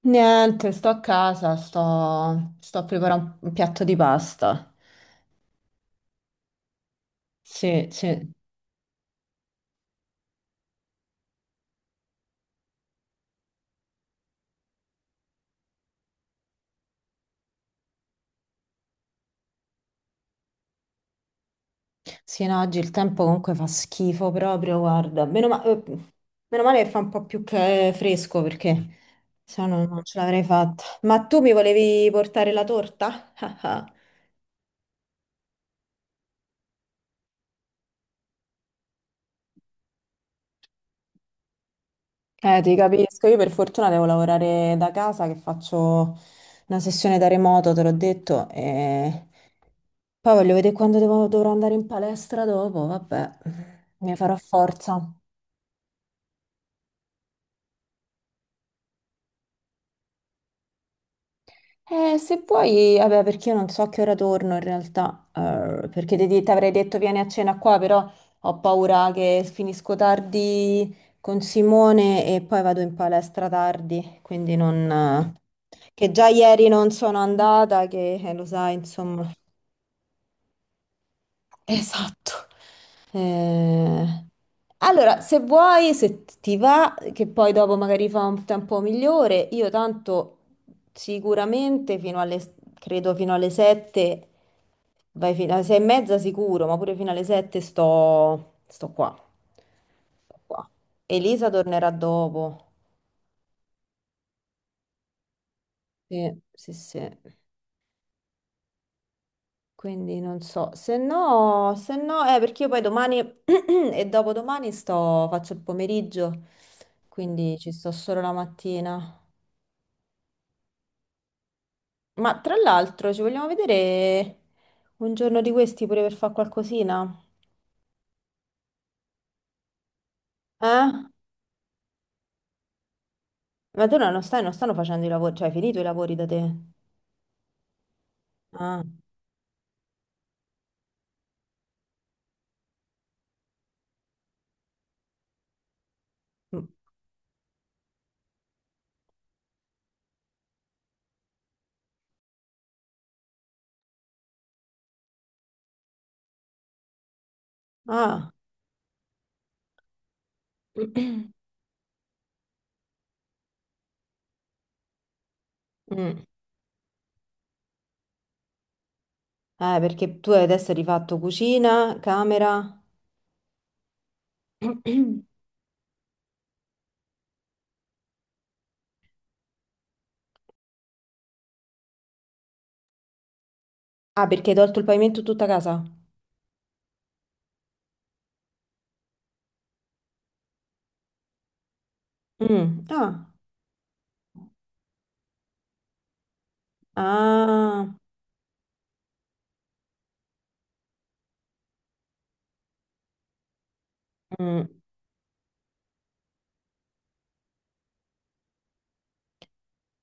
Niente, sto a casa, sto a preparare un piatto di pasta. Sì, sì, sì, no, oggi il tempo comunque fa schifo proprio, guarda. Meno, meno male che fa un po' più che fresco perché se no non ce l'avrei fatta. Ma tu mi volevi portare la torta? Ti capisco, io per fortuna devo lavorare da casa che faccio una sessione da remoto, te l'ho detto, e poi voglio vedere quando dovrò andare in palestra dopo, vabbè, mi farò forza. Se puoi, vabbè, perché io non so a che ora torno in realtà, perché ti avrei detto vieni a cena qua, però ho paura che finisco tardi con Simone e poi vado in palestra tardi, quindi non, che già ieri non sono andata, che lo sai, insomma. Esatto. Eh, Allora, se vuoi, se ti va, che poi dopo magari fa un tempo migliore, io tanto sicuramente fino alle, credo fino alle 7, vai fino alle 6 e mezza sicuro, ma pure fino alle 7 sto qua. Sto qua. Elisa tornerà dopo. Sì, sì, sì. Quindi non so, se no, perché io poi domani e dopodomani sto, faccio il pomeriggio, quindi ci sto solo la mattina. Ma tra l'altro ci vogliamo vedere un giorno di questi pure per fare qualcosina? Eh? Ma tu no, non stanno facendo i lavori, cioè hai finito i lavori da te? Ah. Mm. Ah. Mm. Perché tu adesso hai adesso rifatto cucina, camera. Ah, perché hai tolto il pavimento tutta casa? Mm. Ah. Ah, mm.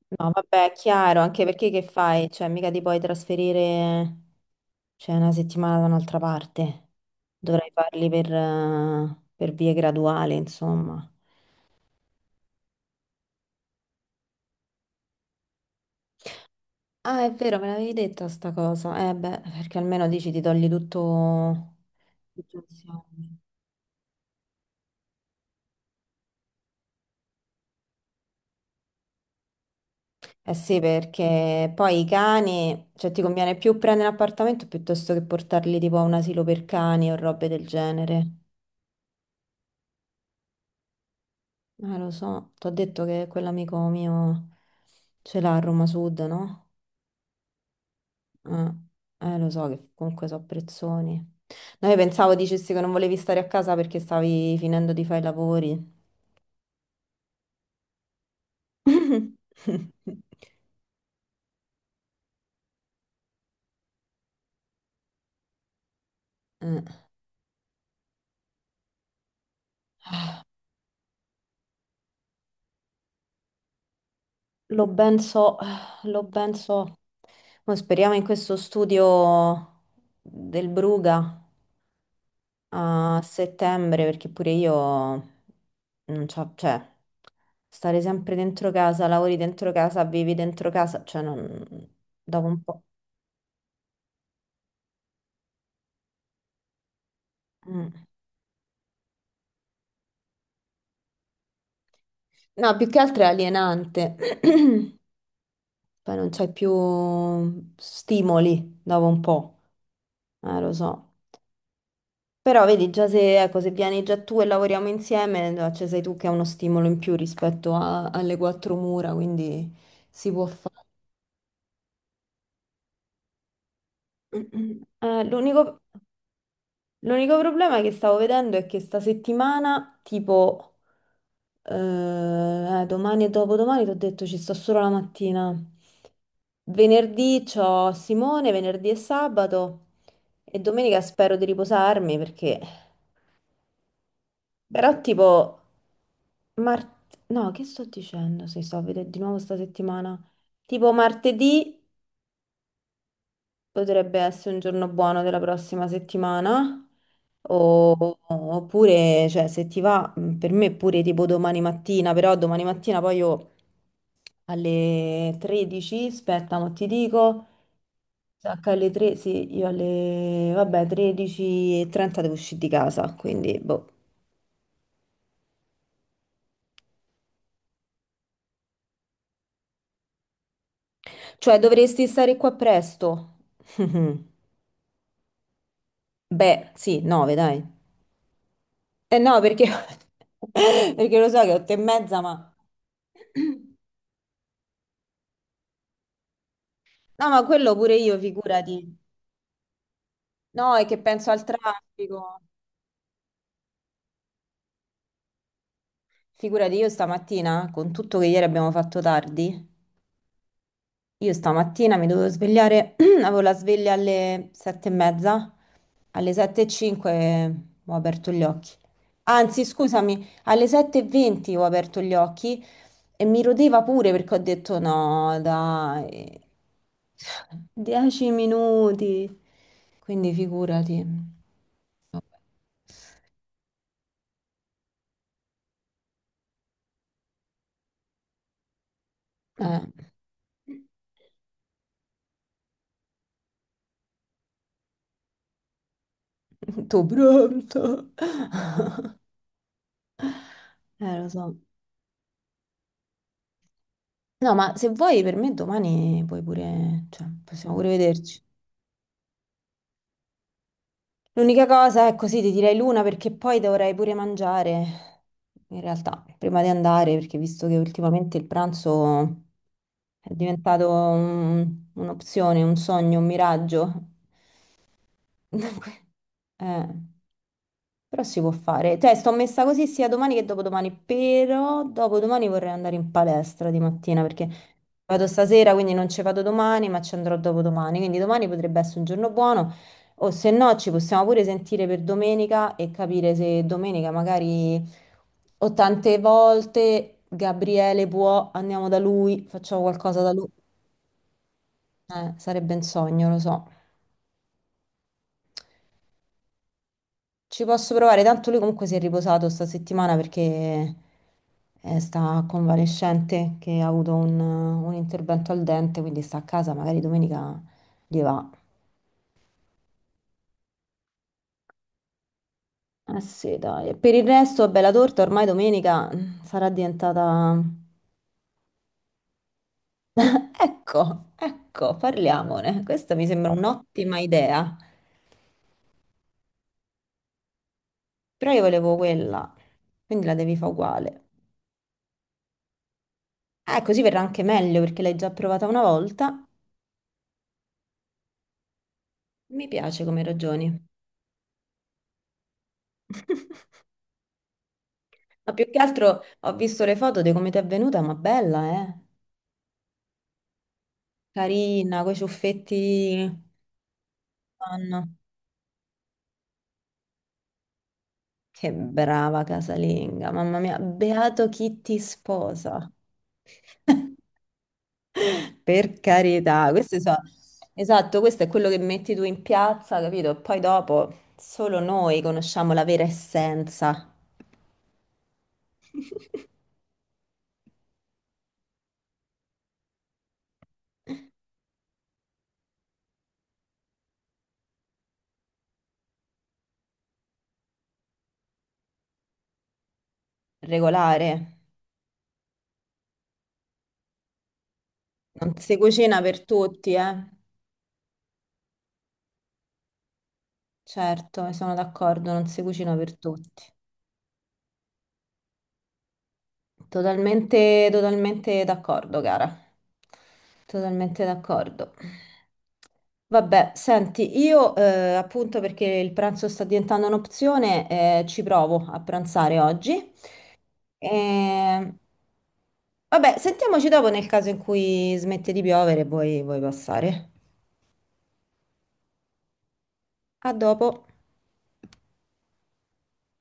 No, vabbè, è chiaro, anche perché che fai? Cioè, mica ti puoi trasferire, cioè, una settimana da un'altra parte. Dovrai farli per vie graduali, insomma. Ah, è vero, me l'avevi detta sta cosa. Eh beh, perché almeno dici ti togli tutto, tutto insieme. Eh sì, perché poi i cani, cioè ti conviene più prendere un appartamento piuttosto che portarli tipo a un asilo per cani o robe del genere. Lo so, ti ho detto che quell'amico mio ce l'ha a Roma Sud, no? Eh, lo so che comunque so prezzoni. No, io pensavo dicessi che non volevi stare a casa perché stavi finendo di fare i lavori. Eh, Lo ben so, lo ben so. Mo speriamo in questo studio del Bruga, a settembre perché pure io non c'ho, cioè, stare sempre dentro casa, lavori dentro casa, vivi dentro casa, cioè non, dopo un po'. Mm. No, più che altro è alienante, poi non c'hai più stimoli dopo un po', lo so. Però vedi, già se, ecco, se vieni già tu e lavoriamo insieme, no, cioè sei tu che hai uno stimolo in più rispetto alle quattro mura, quindi si può fare. Eh, l'unico... L'unico problema che stavo vedendo è che sta settimana, tipo, domani e dopodomani, ti ho detto ci sto solo la mattina. Venerdì c'ho Simone, venerdì e sabato e domenica spero di riposarmi perché. Però tipo. Mart. No, che sto dicendo se sto a vedere di nuovo sta settimana? Tipo martedì. Potrebbe essere un giorno buono della prossima settimana, oppure, cioè, se ti va, per me pure tipo domani mattina, però domani mattina poi io alle 13, aspetta, ma ti dico, sacca alle 3, sì, io alle, vabbè, 13:30 devo uscire di casa, quindi, boh. Cioè, dovresti stare qua presto. Beh, sì, 9, dai. Eh no, perché, perché lo so che è 8:30, ma. No, ma quello pure io, figurati. No, è che penso al traffico. Figurati, io stamattina, con tutto che ieri abbiamo fatto tardi, io stamattina mi dovevo svegliare, avevo la sveglia alle 7:30, alle 7:05 ho aperto gli occhi. Anzi, scusami, alle 7:20 ho aperto gli occhi e mi rodeva pure perché ho detto no, dai, 10 minuti. Quindi figurati. Vabbè. Tutto pronto. Lo so. No, ma se vuoi per me domani puoi pure, cioè, possiamo pure vederci. L'unica cosa è così, ti direi l'una perché poi dovrei pure mangiare, in realtà, prima di andare, perché visto che ultimamente il pranzo è diventato un'opzione, un sogno, un miraggio. Eh, però si può fare. Cioè, sto messa così sia domani che dopodomani, però dopodomani vorrei andare in palestra di mattina perché vado stasera, quindi non ci vado domani, ma ci andrò dopodomani. Quindi domani potrebbe essere un giorno buono, o se no ci possiamo pure sentire per domenica e capire se domenica magari o tante volte Gabriele può, andiamo da lui, facciamo qualcosa da lui. Sarebbe un sogno, lo so. Ci posso provare, tanto lui comunque si è riposato sta settimana perché sta convalescente che ha avuto un intervento al dente, quindi sta a casa, magari domenica gli va. Eh sì, dai. E per il resto, bella torta, ormai domenica mm, sarà diventata. Ecco, ecco, parliamone. Questa mi sembra un'ottima idea, però io volevo quella, quindi la devi fare uguale. Così verrà anche meglio perché l'hai già provata una volta. Mi piace come ragioni. Ma più che altro ho visto le foto di come ti è venuta, ma bella, eh? Carina, coi ciuffetti. Madonna. Che brava casalinga, mamma mia, beato chi ti sposa. Per carità, esatto, questo è quello che metti tu in piazza, capito? E poi dopo solo noi conosciamo la vera essenza regolare. Non si cucina per tutti, eh? Certo, sono d'accordo, non si cucina per tutti. Totalmente, totalmente d'accordo, cara. Totalmente d'accordo. Vabbè, senti, io appunto perché il pranzo sta diventando un'opzione, ci provo a pranzare oggi. E. Vabbè, sentiamoci dopo nel caso in cui smette di piovere e vuoi passare. A dopo.